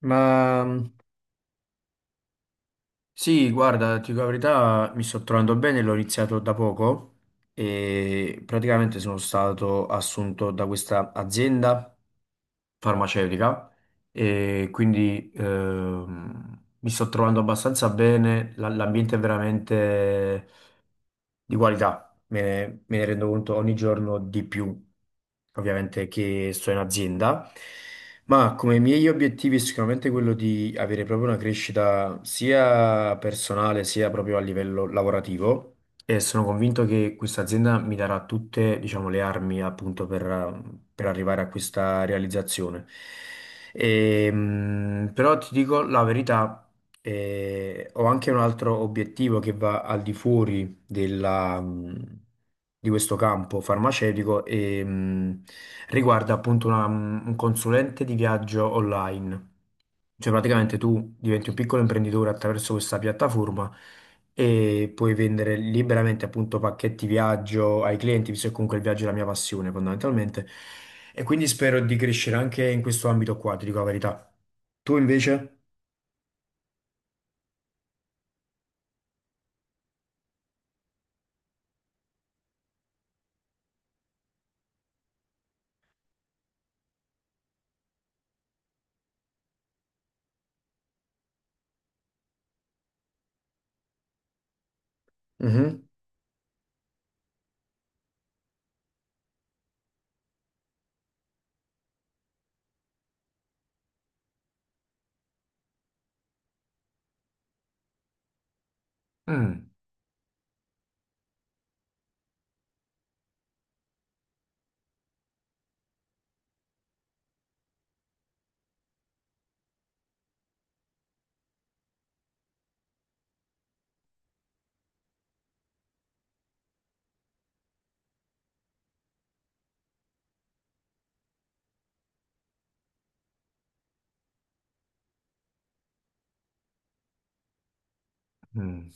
Ma sì, guarda, ti dico la verità, mi sto trovando bene, l'ho iniziato da poco e praticamente sono stato assunto da questa azienda farmaceutica e quindi mi sto trovando abbastanza bene, l'ambiente è veramente di qualità, me ne rendo conto ogni giorno di più, ovviamente che sto in azienda, ma come miei obiettivi è sicuramente quello di avere proprio una crescita sia personale sia proprio a livello lavorativo e sono convinto che questa azienda mi darà tutte, diciamo, le armi appunto per arrivare a questa realizzazione. Però ti dico la verità. Ho anche un altro obiettivo che va al di fuori della, mh, di questo campo farmaceutico e riguarda appunto un consulente di viaggio online. Cioè praticamente tu diventi un piccolo imprenditore attraverso questa piattaforma e puoi vendere liberamente appunto pacchetti viaggio ai clienti, visto che comunque il viaggio è la mia passione fondamentalmente. E quindi spero di crescere anche in questo ambito qua, ti dico la verità. Tu invece? Mhm. Mm, mm.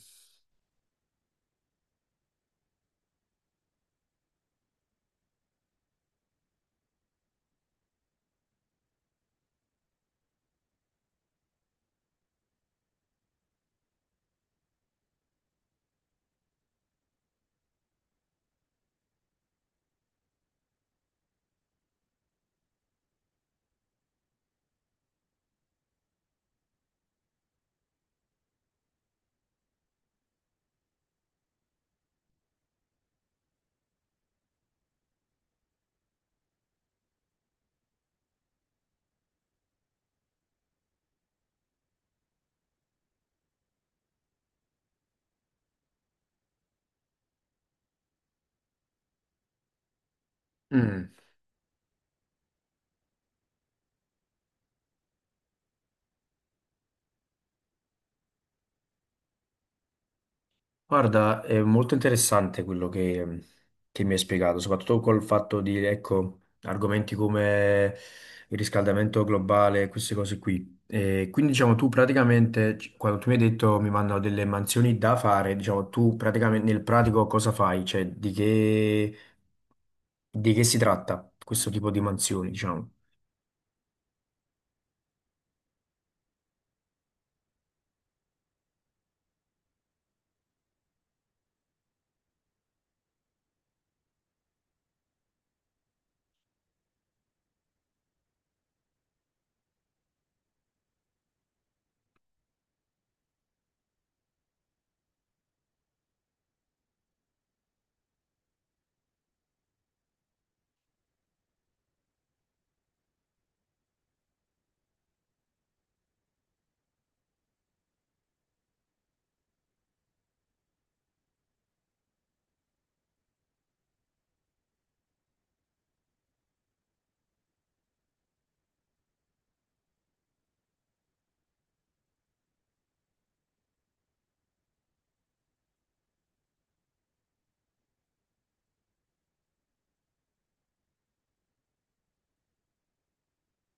Mm. Guarda, è molto interessante quello che mi hai spiegato, soprattutto col fatto di, ecco, argomenti come il riscaldamento globale, queste cose qui. E quindi, diciamo, tu praticamente, quando tu mi hai detto mi mandano delle mansioni da fare, diciamo, tu praticamente nel pratico cosa fai? Cioè, di che si tratta questo tipo di mansioni, diciamo?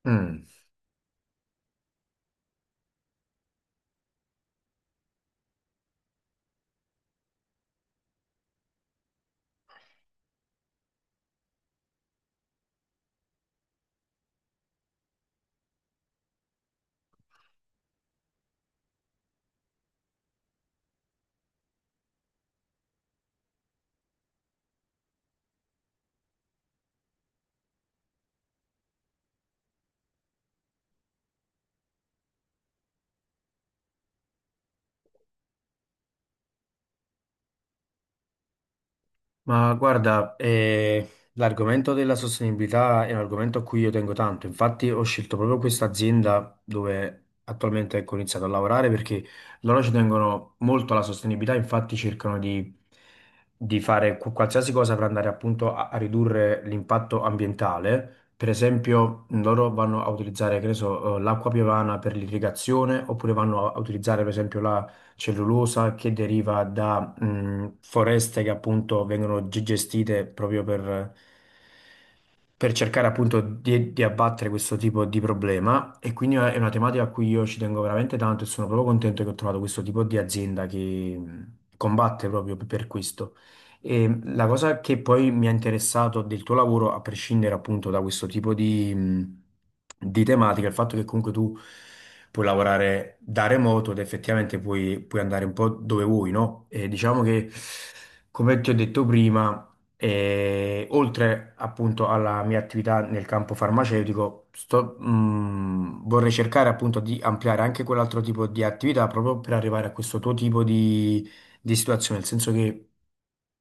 Mm. Ma guarda, l'argomento della sostenibilità è un argomento a cui io tengo tanto. Infatti ho scelto proprio questa azienda dove attualmente ecco, ho iniziato a lavorare perché loro ci tengono molto alla sostenibilità, infatti cercano di fare qualsiasi cosa per andare appunto a ridurre l'impatto ambientale. Per esempio, loro vanno a utilizzare, che ne so, l'acqua piovana per l'irrigazione oppure vanno a utilizzare per esempio la cellulosa che deriva da foreste che appunto vengono gestite proprio per cercare appunto di abbattere questo tipo di problema e quindi è una tematica a cui io ci tengo veramente tanto e sono proprio contento che ho trovato questo tipo di azienda che mh, combatte proprio per questo. E la cosa che poi mi ha interessato del tuo lavoro, a prescindere appunto da questo tipo di tematica, è il fatto che comunque tu puoi lavorare da remoto ed effettivamente puoi andare un po' dove vuoi, no? E diciamo che, come ti ho detto prima, e oltre appunto alla mia attività nel campo farmaceutico, vorrei cercare appunto di ampliare anche quell'altro tipo di attività proprio per arrivare a questo tuo tipo di situazione, nel senso che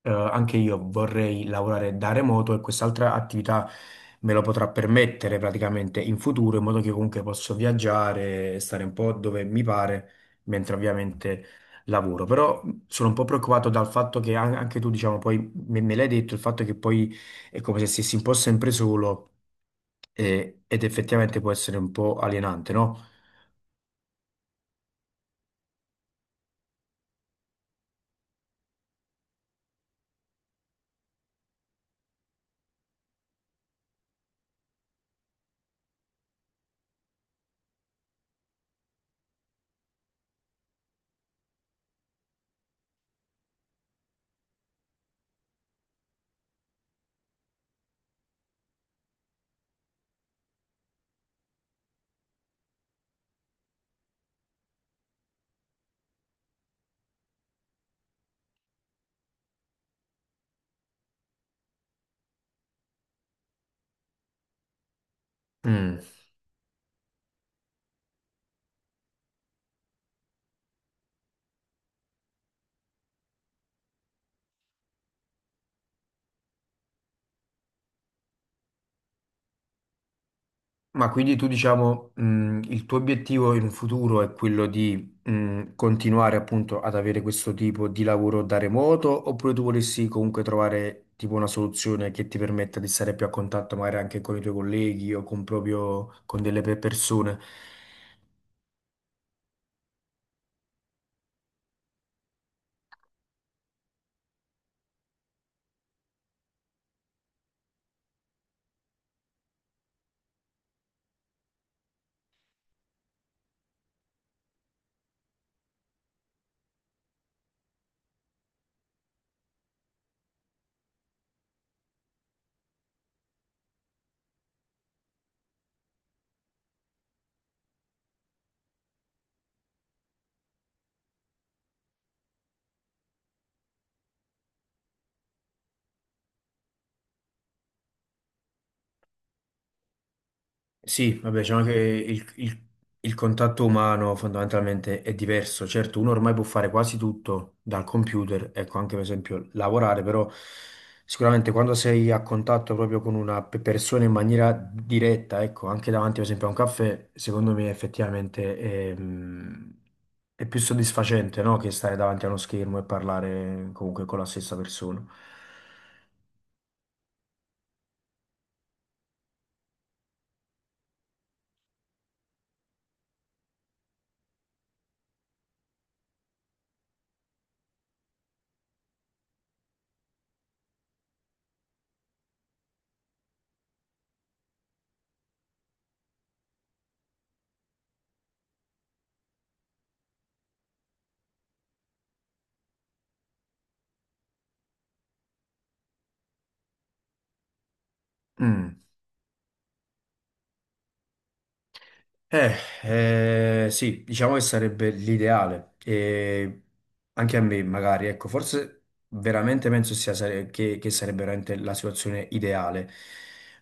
anche io vorrei lavorare da remoto e quest'altra attività me lo potrà permettere praticamente in futuro, in modo che comunque posso viaggiare e stare un po' dove mi pare, mentre ovviamente lavoro. Però sono un po' preoccupato dal fatto che anche tu, diciamo, poi me l'hai detto il fatto che poi è come se stessi un po' sempre solo ed effettivamente può essere un po' alienante, no? Mm. Ma quindi tu diciamo il tuo obiettivo in un futuro è quello di continuare appunto ad avere questo tipo di lavoro da remoto oppure tu volessi comunque trovare tipo una soluzione che ti permetta di stare più a contatto magari anche con i tuoi colleghi o con proprio con delle persone? Sì, vabbè, diciamo che il contatto umano fondamentalmente è diverso. Certo, uno ormai può fare quasi tutto dal computer, ecco, anche per esempio lavorare, però sicuramente quando sei a contatto proprio con una persona in maniera diretta, ecco, anche davanti per esempio a un caffè, secondo me effettivamente è più soddisfacente, no? Che stare davanti a uno schermo e parlare comunque con la stessa persona. Mm. Eh, sì, diciamo che sarebbe l'ideale. E anche a me, magari, ecco, forse veramente penso che sarebbe veramente la situazione ideale.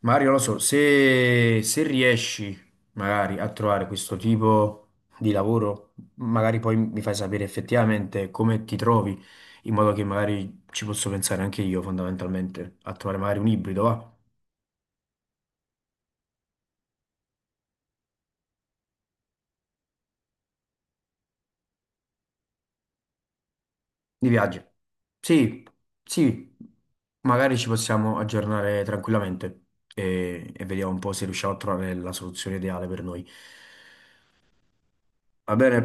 Mario, non lo so, se riesci magari a trovare questo tipo di lavoro, magari poi mi fai sapere effettivamente come ti trovi, in modo che magari ci posso pensare anche io, fondamentalmente, a trovare magari un ibrido, va? Di viaggio. Sì, sì, magari ci possiamo aggiornare tranquillamente e vediamo un po' se riusciamo a trovare la soluzione ideale per noi. Va bene?